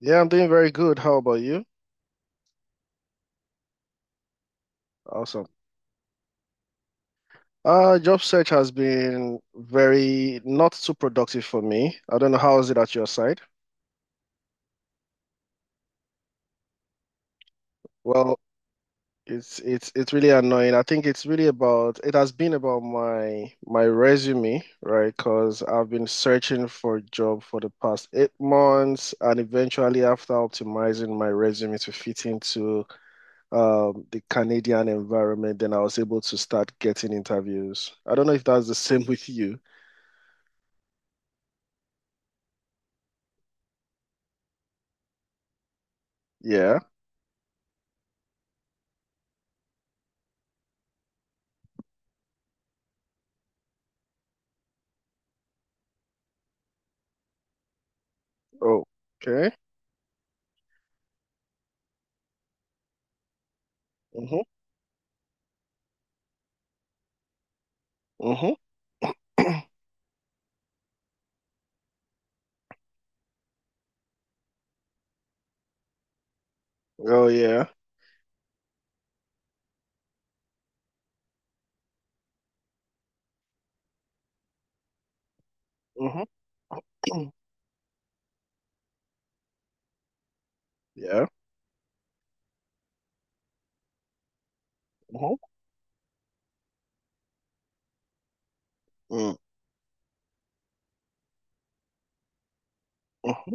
Yeah, I'm doing very good. How about you? Awesome. Job search has been very not too productive for me. I don't know how is it at your side. Well, it's really annoying. I think it's really about it has been about my resume, right? Because I've been searching for a job for the past 8 months, and eventually after optimizing my resume to fit into the Canadian environment, then I was able to start getting interviews. I don't know if that's the same with you. Yeah. Okay. Mm-hmm. Mm-hmm. Oh, yeah. Mm-hmm. Yeah. Mm-hmm. Mm-hmm. Mm-hmm.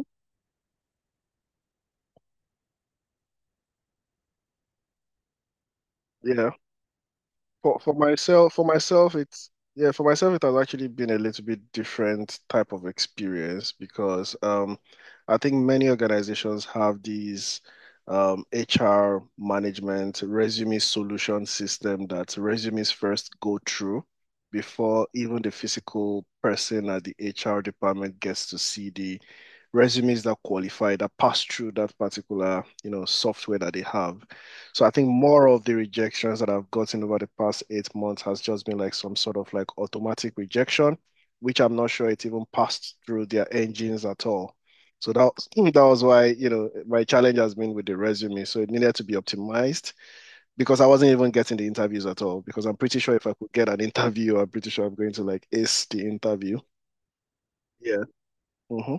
Yeah. For myself, it's yeah, for myself, it has actually been a little bit different type of experience because I think many organizations have these HR management resume solution system that resumes first go through before even the physical person at the HR department gets to see the resumes that qualify, that pass through that particular, you know, software that they have. So I think more of the rejections that I've gotten over the past 8 months has just been like some sort of like automatic rejection, which I'm not sure it even passed through their engines at all. So that that was why, you know, my challenge has been with the resume. So it needed to be optimized because I wasn't even getting the interviews at all. Because I'm pretty sure if I could get an interview, I'm pretty sure I'm going to like ace the interview. Yeah. Mm-hmm.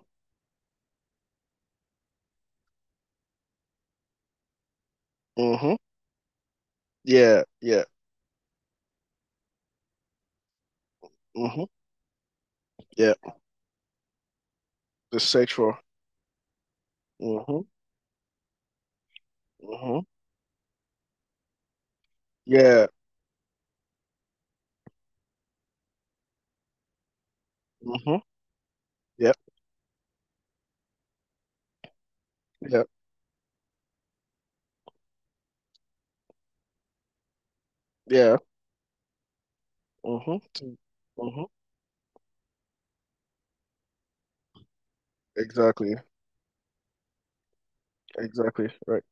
Mm-hmm. Yeah. Yeah. Mm-hmm. Yeah. The sexual. Mm-hmm. Mm-hmm. Yeah. Mm-hmm. Yeah. Yeah. Yeah. Mm-hmm. Mm-hmm. Exactly. Exactly. Right.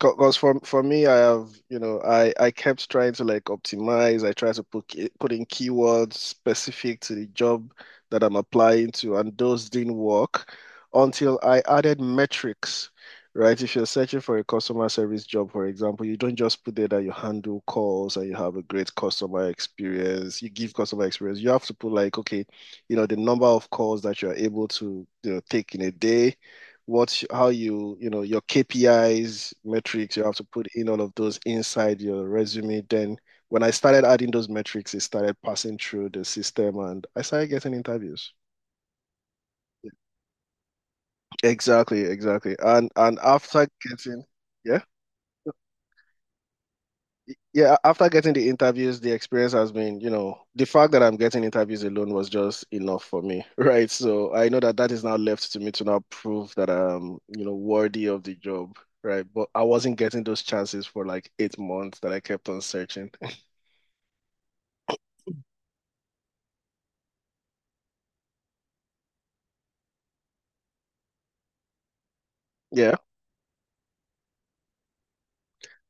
Because for me, I have, you know, I kept trying to like optimize. I tried to put put in keywords specific to the job that I'm applying to, and those didn't work until I added metrics, right? If you're searching for a customer service job, for example, you don't just put there that you handle calls and you have a great customer experience. You give customer experience. You have to put like, okay, you know, the number of calls that you're able to, you know, take in a day, what, how you, you know, your KPIs metrics, you have to put in all of those inside your resume. Then when I started adding those metrics, it started passing through the system and I started getting interviews. Exactly, exactly. And after getting yeah, yeah, after getting the interviews, the experience has been, you know, the fact that I'm getting interviews alone was just enough for me, right? So I know that that is now left to me to now prove that I'm, you know, worthy of the job, right? But I wasn't getting those chances for like 8 months that I kept on searching. Yeah.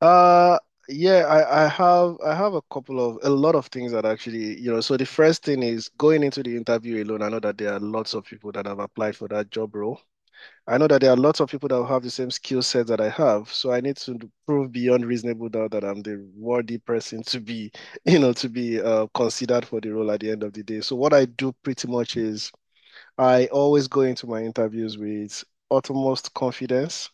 Uh, yeah, I have a couple of a lot of things that actually, you know, so the first thing is going into the interview alone. I know that there are lots of people that have applied for that job role. I know that there are lots of people that have the same skill set that I have, so I need to prove beyond reasonable doubt that I'm the worthy person to be, you know, to be considered for the role at the end of the day. So what I do pretty much is I always go into my interviews with utmost confidence.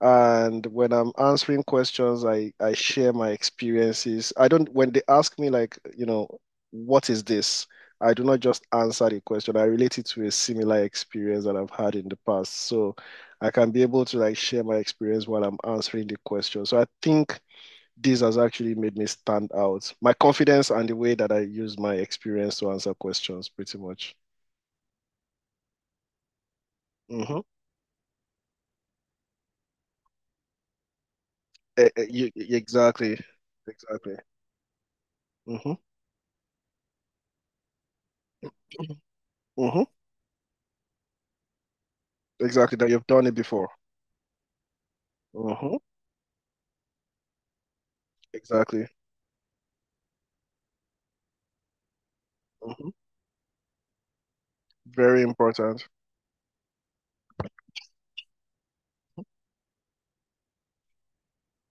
And when I'm answering questions, I share my experiences. I don't, when they ask me, like, you know, what is this? I do not just answer the question. I relate it to a similar experience that I've had in the past. So I can be able to like share my experience while I'm answering the question. So I think this has actually made me stand out. My confidence and the way that I use my experience to answer questions, pretty much. Mm-hmm. Exactly. Exactly. Mm-hmm. Mm-hmm. Exactly, that you've done it before. Mm-hmm. Exactly. Mm-hmm. Very important.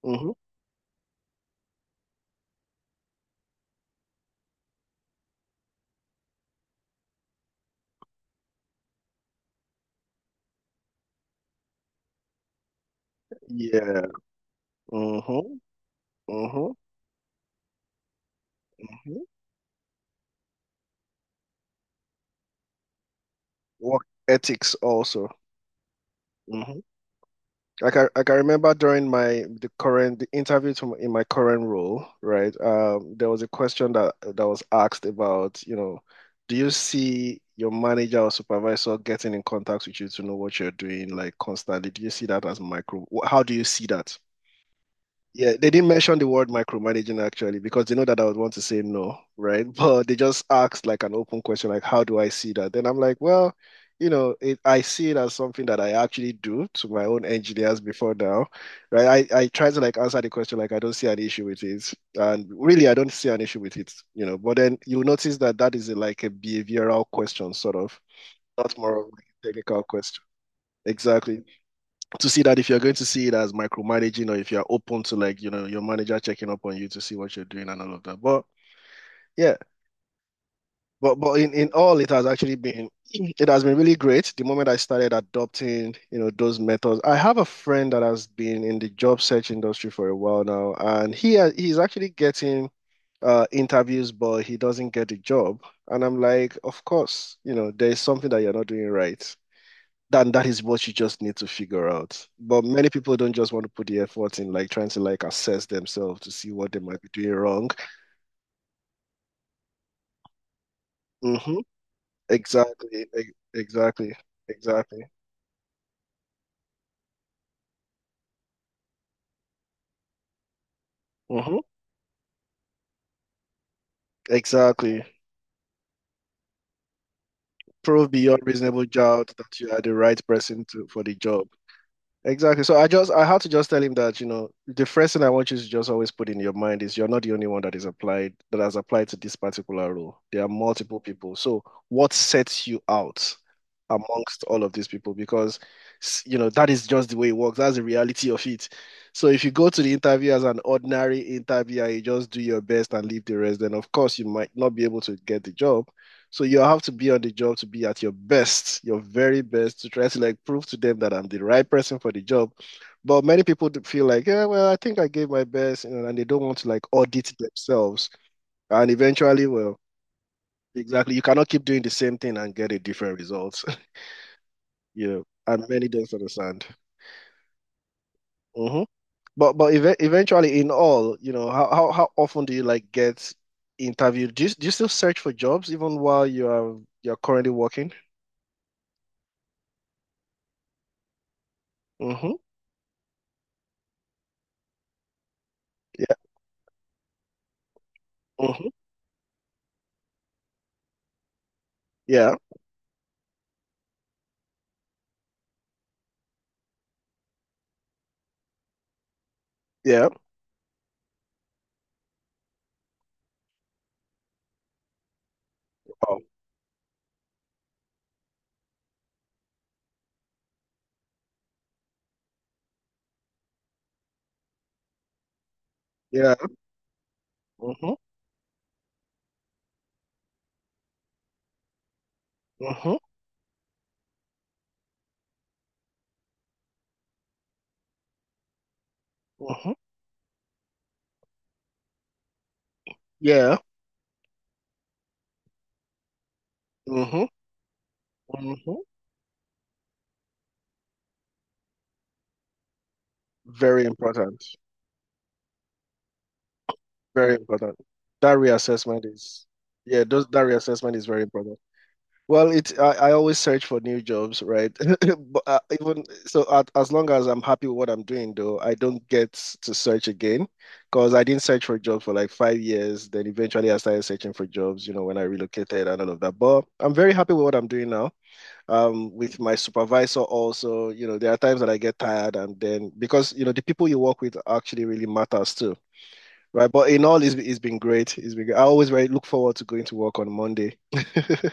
Mm-hmm. Yeah. Mm-hmm. Mm-hmm. Mm-hmm. Work ethics also. Mm-hmm. Like I can remember during my the current the interview to, in my current role, right? There was a question that was asked about, you know, do you see your manager or supervisor getting in contact with you to know what you're doing like constantly? Do you see that as micro? How do you see that? Yeah, they didn't mention the word micromanaging actually because they know that I would want to say no, right? But they just asked like an open question, like, how do I see that? Then I'm like, well, you know, it, I see it as something that I actually do to my own engineers before now, right? I try to like answer the question like I don't see an issue with it. And really, I don't see an issue with it, you know. But then you'll notice that that is a, like a behavioral question, sort of, not more of like a technical question. Exactly, to see that if you're going to see it as micromanaging or if you're open to like, you know, your manager checking up on you to see what you're doing and all of that. But yeah, but in all, it has actually been it has been really great the moment I started adopting, you know, those methods. I have a friend that has been in the job search industry for a while now, and he has, he's actually getting interviews, but he doesn't get the job. And I'm like, of course, you know, there's something that you're not doing right. Then that is what you just need to figure out. But many people don't just want to put the effort in, like trying to like assess themselves to see what they might be doing wrong. Mm-hmm. Exactly. Exactly. Exactly. Mm-hmm. Exactly. Prove beyond reasonable doubt that you are the right person to for the job. Exactly. So I just I had to just tell him that, you know, the first thing I want you to just always put in your mind is you're not the only one that is applied that has applied to this particular role. There are multiple people. So what sets you out amongst all of these people? Because you know, that is just the way it works. That's the reality of it. So if you go to the interview as an ordinary interviewer, you just do your best and leave the rest, then of course you might not be able to get the job. So you have to be on the job to be at your best, your very best, to try to like prove to them that I'm the right person for the job. But many people do feel like, yeah, well, I think I gave my best, you know, and they don't want to like audit themselves. And eventually, well, exactly, you cannot keep doing the same thing and get a different result. You know, and many don't understand. Mm-hmm. But ev eventually, in all, you know, how often do you like get interviewed? Do you still search for jobs even while you're currently working? Mm-hmm. Yeah. Mm-hmm. Yeah. Yeah. Oh, yeah. Mm-hmm. Mm-hmm. Mm-hmm. Yeah. Mm-hmm. Mm-hmm. Very important. Very important. That reassessment is, yeah, those, that reassessment is very important. Well, it I always search for new jobs, right? But even so, at, as long as I'm happy with what I'm doing, though, I don't get to search again because I didn't search for a job for like 5 years. Then eventually, I started searching for jobs, you know, when I relocated and all of that. But I'm very happy with what I'm doing now. With my supervisor also, you know, there are times that I get tired and then, because you know the people you work with actually really matters too, right? But in all, it's been great, it's been great. I always very look forward to going to work on Monday. I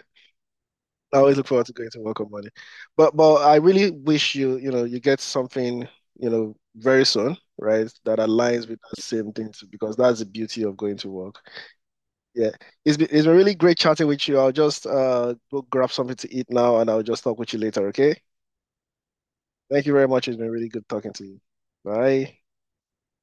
always look forward to going to work on Monday. But I really wish you, you know, you get something, you know, very soon, right, that aligns with that same thing too, because that's the beauty of going to work, yeah. It's been really great chatting with you. I'll just go grab something to eat now and I'll just talk with you later, okay. Thank you very much. It's been really good talking to you. Bye.